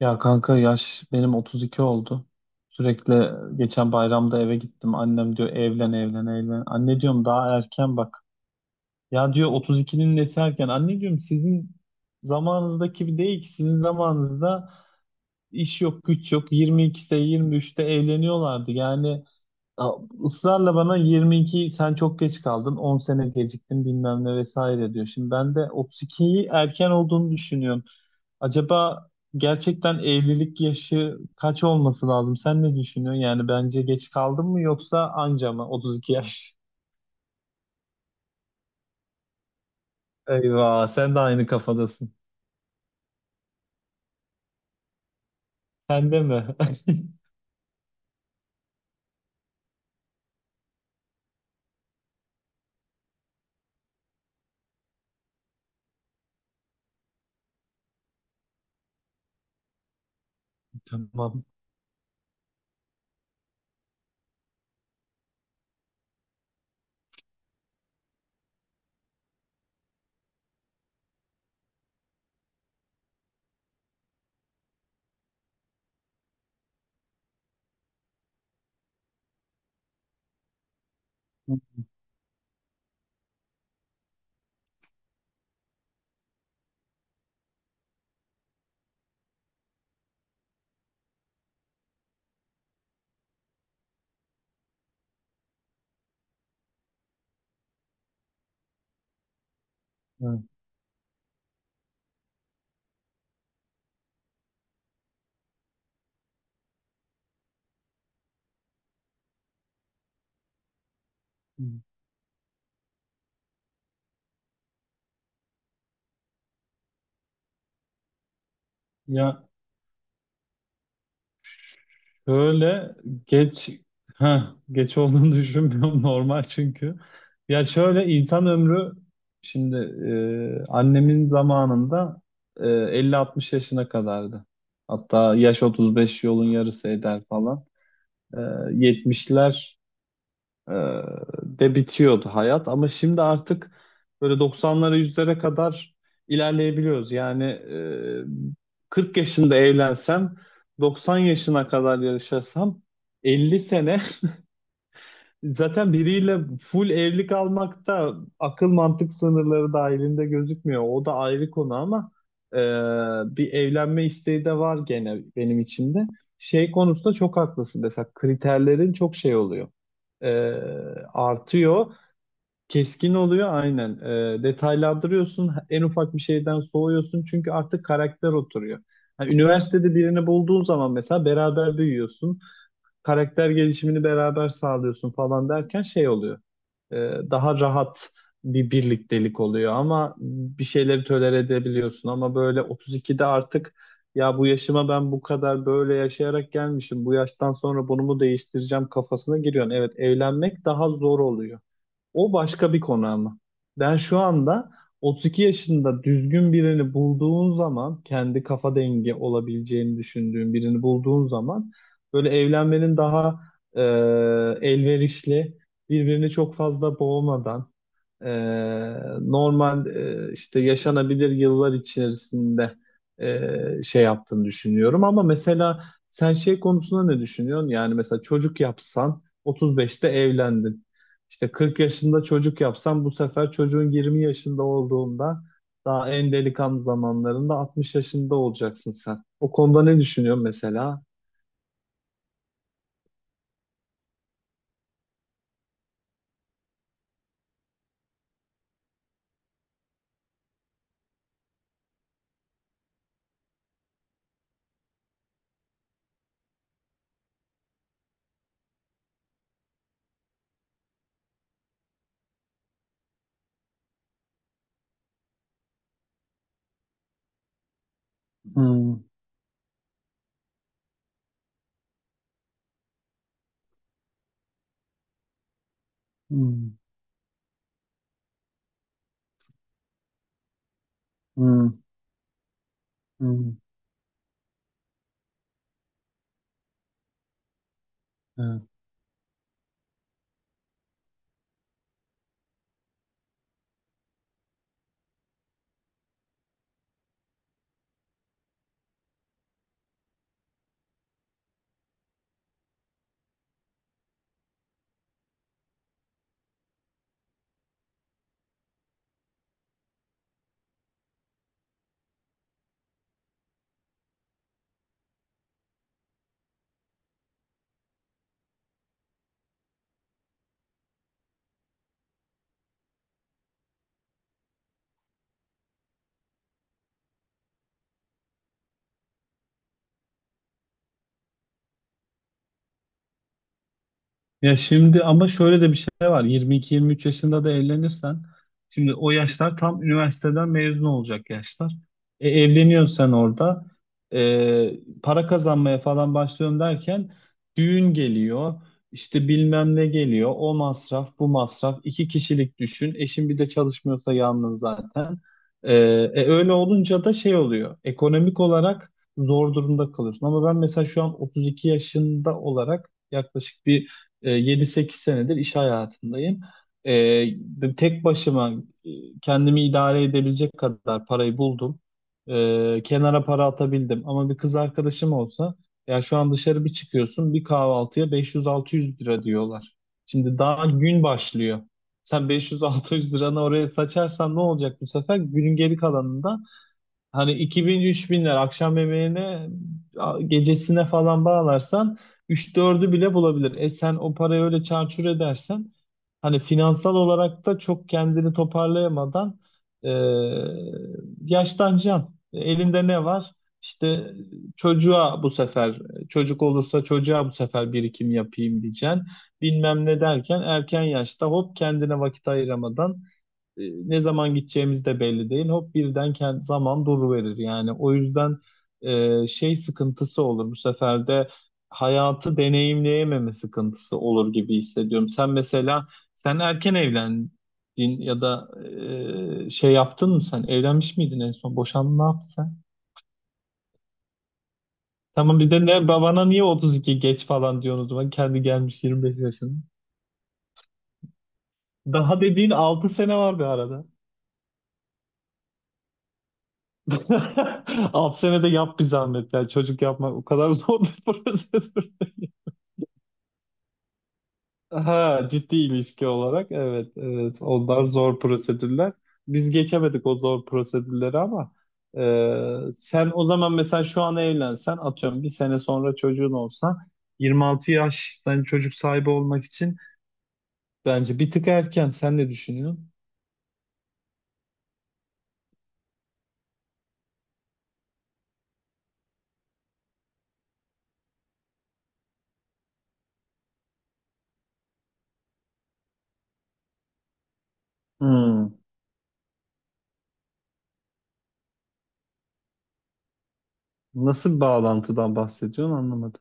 Ya kanka yaş benim 32 oldu. Sürekli geçen bayramda eve gittim. Annem diyor evlen, evlen, evlen. Anne diyorum daha erken bak. Ya diyor 32'nin nesi erken? Anne diyorum sizin zamanınızdaki bir değil ki. Sizin zamanınızda iş yok, güç yok. 22'de, 23'te evleniyorlardı. Yani a- ısrarla bana 22 sen çok geç kaldın, 10 sene geciktin bilmem ne vesaire diyor. Şimdi ben de 32'yi erken olduğunu düşünüyorum. Acaba gerçekten evlilik yaşı kaç olması lazım? Sen ne düşünüyorsun? Yani bence geç kaldım mı yoksa anca mı? 32 yaş. Eyvah, sen de aynı kafadasın. Sen de mi? Tamam. Hı. Ya şöyle geç ha geç olduğunu düşünmüyorum, normal çünkü. Ya şöyle insan ömrü şimdi, annemin zamanında, 50-60 yaşına kadardı. Hatta yaş 35, yolun yarısı eder falan. e, 70'ler e, de bitiyordu hayat ama şimdi artık böyle 90'lara, yüzlere kadar ilerleyebiliyoruz. Yani 40 yaşında evlensem, 90 yaşına kadar yaşasam, 50 sene zaten biriyle full evlilik almak da akıl mantık sınırları dahilinde gözükmüyor. O da ayrı konu ama e, bir evlenme isteği de var gene benim içimde. Şey konusunda çok haklısın. Mesela kriterlerin çok şey oluyor, e, artıyor. Keskin oluyor, aynen. Detaylandırıyorsun. En ufak bir şeyden soğuyorsun. Çünkü artık karakter oturuyor. Yani üniversitede birini bulduğun zaman mesela beraber büyüyorsun. Karakter gelişimini beraber sağlıyorsun falan derken şey oluyor, e, daha rahat bir birliktelik oluyor, ama bir şeyleri tolere edebiliyorsun. Ama böyle 32'de artık, ya bu yaşıma ben bu kadar böyle yaşayarak gelmişim, bu yaştan sonra bunu mu değiştireceğim kafasına giriyorsun. Evet, evlenmek daha zor oluyor. O başka bir konu ama. Ben şu anda 32 yaşında düzgün birini bulduğun zaman, kendi kafa dengi olabileceğini düşündüğün birini bulduğun zaman, böyle evlenmenin daha e, elverişli, birbirini çok fazla boğmadan, e, normal işte yaşanabilir yıllar içerisinde şey yaptığını düşünüyorum. Ama mesela sen şey konusunda ne düşünüyorsun? Yani mesela çocuk yapsan 35'te evlendin. İşte 40 yaşında çocuk yapsan bu sefer çocuğun 20 yaşında olduğunda, daha en delikanlı zamanlarında, 60 yaşında olacaksın sen. O konuda ne düşünüyorsun mesela? Hmm, hmm, hmm, hmm. Evet. Ya şimdi ama şöyle de bir şey var. 22-23 yaşında da evlenirsen, şimdi o yaşlar tam üniversiteden mezun olacak yaşlar. Evleniyorsun sen orada. Para kazanmaya falan başlıyorum derken düğün geliyor. İşte bilmem ne geliyor. O masraf, bu masraf. İki kişilik düşün. Eşin bir de çalışmıyorsa yalnız zaten. Öyle olunca da şey oluyor. Ekonomik olarak zor durumda kalıyorsun. Ama ben mesela şu an 32 yaşında olarak yaklaşık bir 7-8 senedir iş hayatındayım. E, tek başıma, e, kendimi idare edebilecek kadar parayı buldum. Kenara para atabildim. Ama bir kız arkadaşım olsa, ya şu an dışarı bir çıkıyorsun, bir kahvaltıya 500-600 lira diyorlar. Şimdi daha gün başlıyor. Sen 500-600 liranı oraya saçarsan ne olacak bu sefer? Günün geri kalanında, hani 2000-3000'ler akşam yemeğine, gecesine falan bağlarsan, üç dördü bile bulabilir. E sen o parayı öyle çarçur edersen, hani finansal olarak da çok kendini toparlayamadan e, yaşlanacaksın. Elinde ne var? İşte çocuğa bu sefer, çocuk olursa çocuğa bu sefer birikim yapayım diyeceksin. Bilmem ne derken erken yaşta, hop kendine vakit ayıramadan e, ne zaman gideceğimiz de belli değil. Hop birden zaman duruverir yani. O yüzden şey sıkıntısı olur bu sefer de, hayatı deneyimleyememe sıkıntısı olur gibi hissediyorum. Sen mesela, sen erken evlendin ya da şey yaptın mı sen? Evlenmiş miydin en son? Boşandın, ne yaptın sen? Tamam, bir de ne babana niye 32 geç falan diyorsun o zaman, kendi gelmiş 25 yaşına? Daha dediğin 6 sene var bir arada. Alt senede yap bir zahmet. Yani çocuk yapmak o kadar zor bir prosedür. Ha, ciddi ilişki olarak evet evet, onlar zor prosedürler. Biz geçemedik o zor prosedürleri ama sen o zaman mesela şu an evlensen, atıyorum bir sene sonra çocuğun olsa, 26 yaş yani çocuk sahibi olmak için bence bir tık erken. Sen ne düşünüyorsun? Hmm. Nasıl bir bağlantıdan bahsediyorsun, anlamadım.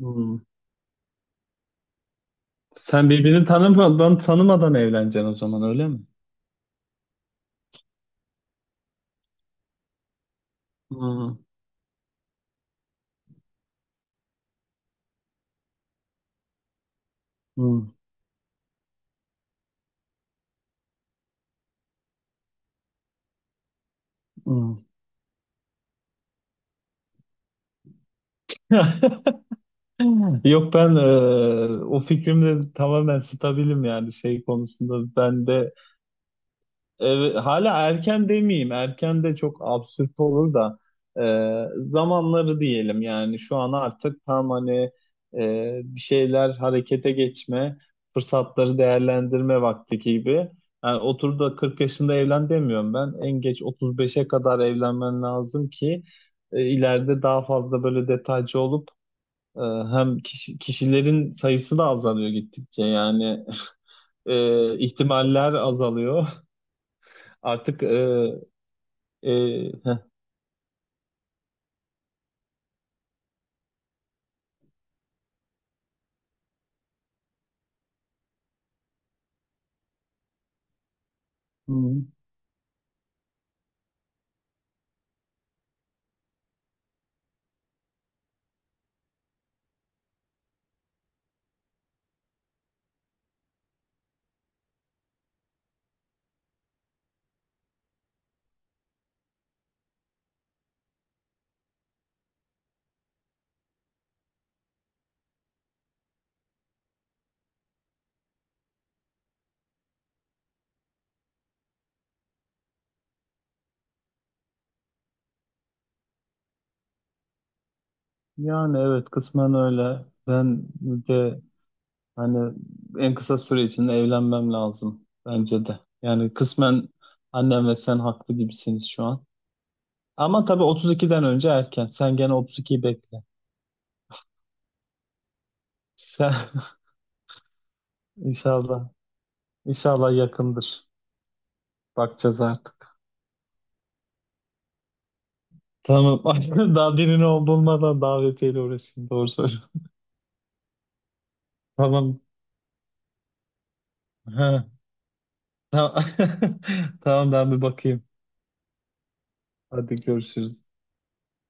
Hmm. Sen birbirini tanımadan tanımadan evleneceksin o zaman, öyle mi? Hmm, hmm, hmm. Yok ben, o fikrimle tamamen stabilim yani şey konusunda ben de. Evet, hala erken demeyeyim. Erken de çok absürt olur da zamanları diyelim, yani şu an artık tam hani bir şeyler harekete geçme, fırsatları değerlendirme vakti gibi. Yani otur da 40 yaşında evlen demiyorum ben. En geç 35'e kadar evlenmen lazım ki ileride daha fazla böyle detaycı olup, e, hem kişilerin sayısı da azalıyor gittikçe yani ihtimaller azalıyor. Artık e, e, heh, hmm. Yani evet, kısmen öyle. Ben de hani en kısa süre içinde evlenmem lazım bence de. Yani kısmen annem ve sen haklı gibisiniz şu an. Ama tabii 32'den önce erken. Sen gene 32'yi bekle. Sen inşallah, inşallah yakındır. Bakacağız artık. Tamam. Daha birinin olduğundan davetiyle uğraşayım. Doğru söylüyorsun. Tamam. Ha, tamam. Tamam, ben bir bakayım. Hadi görüşürüz.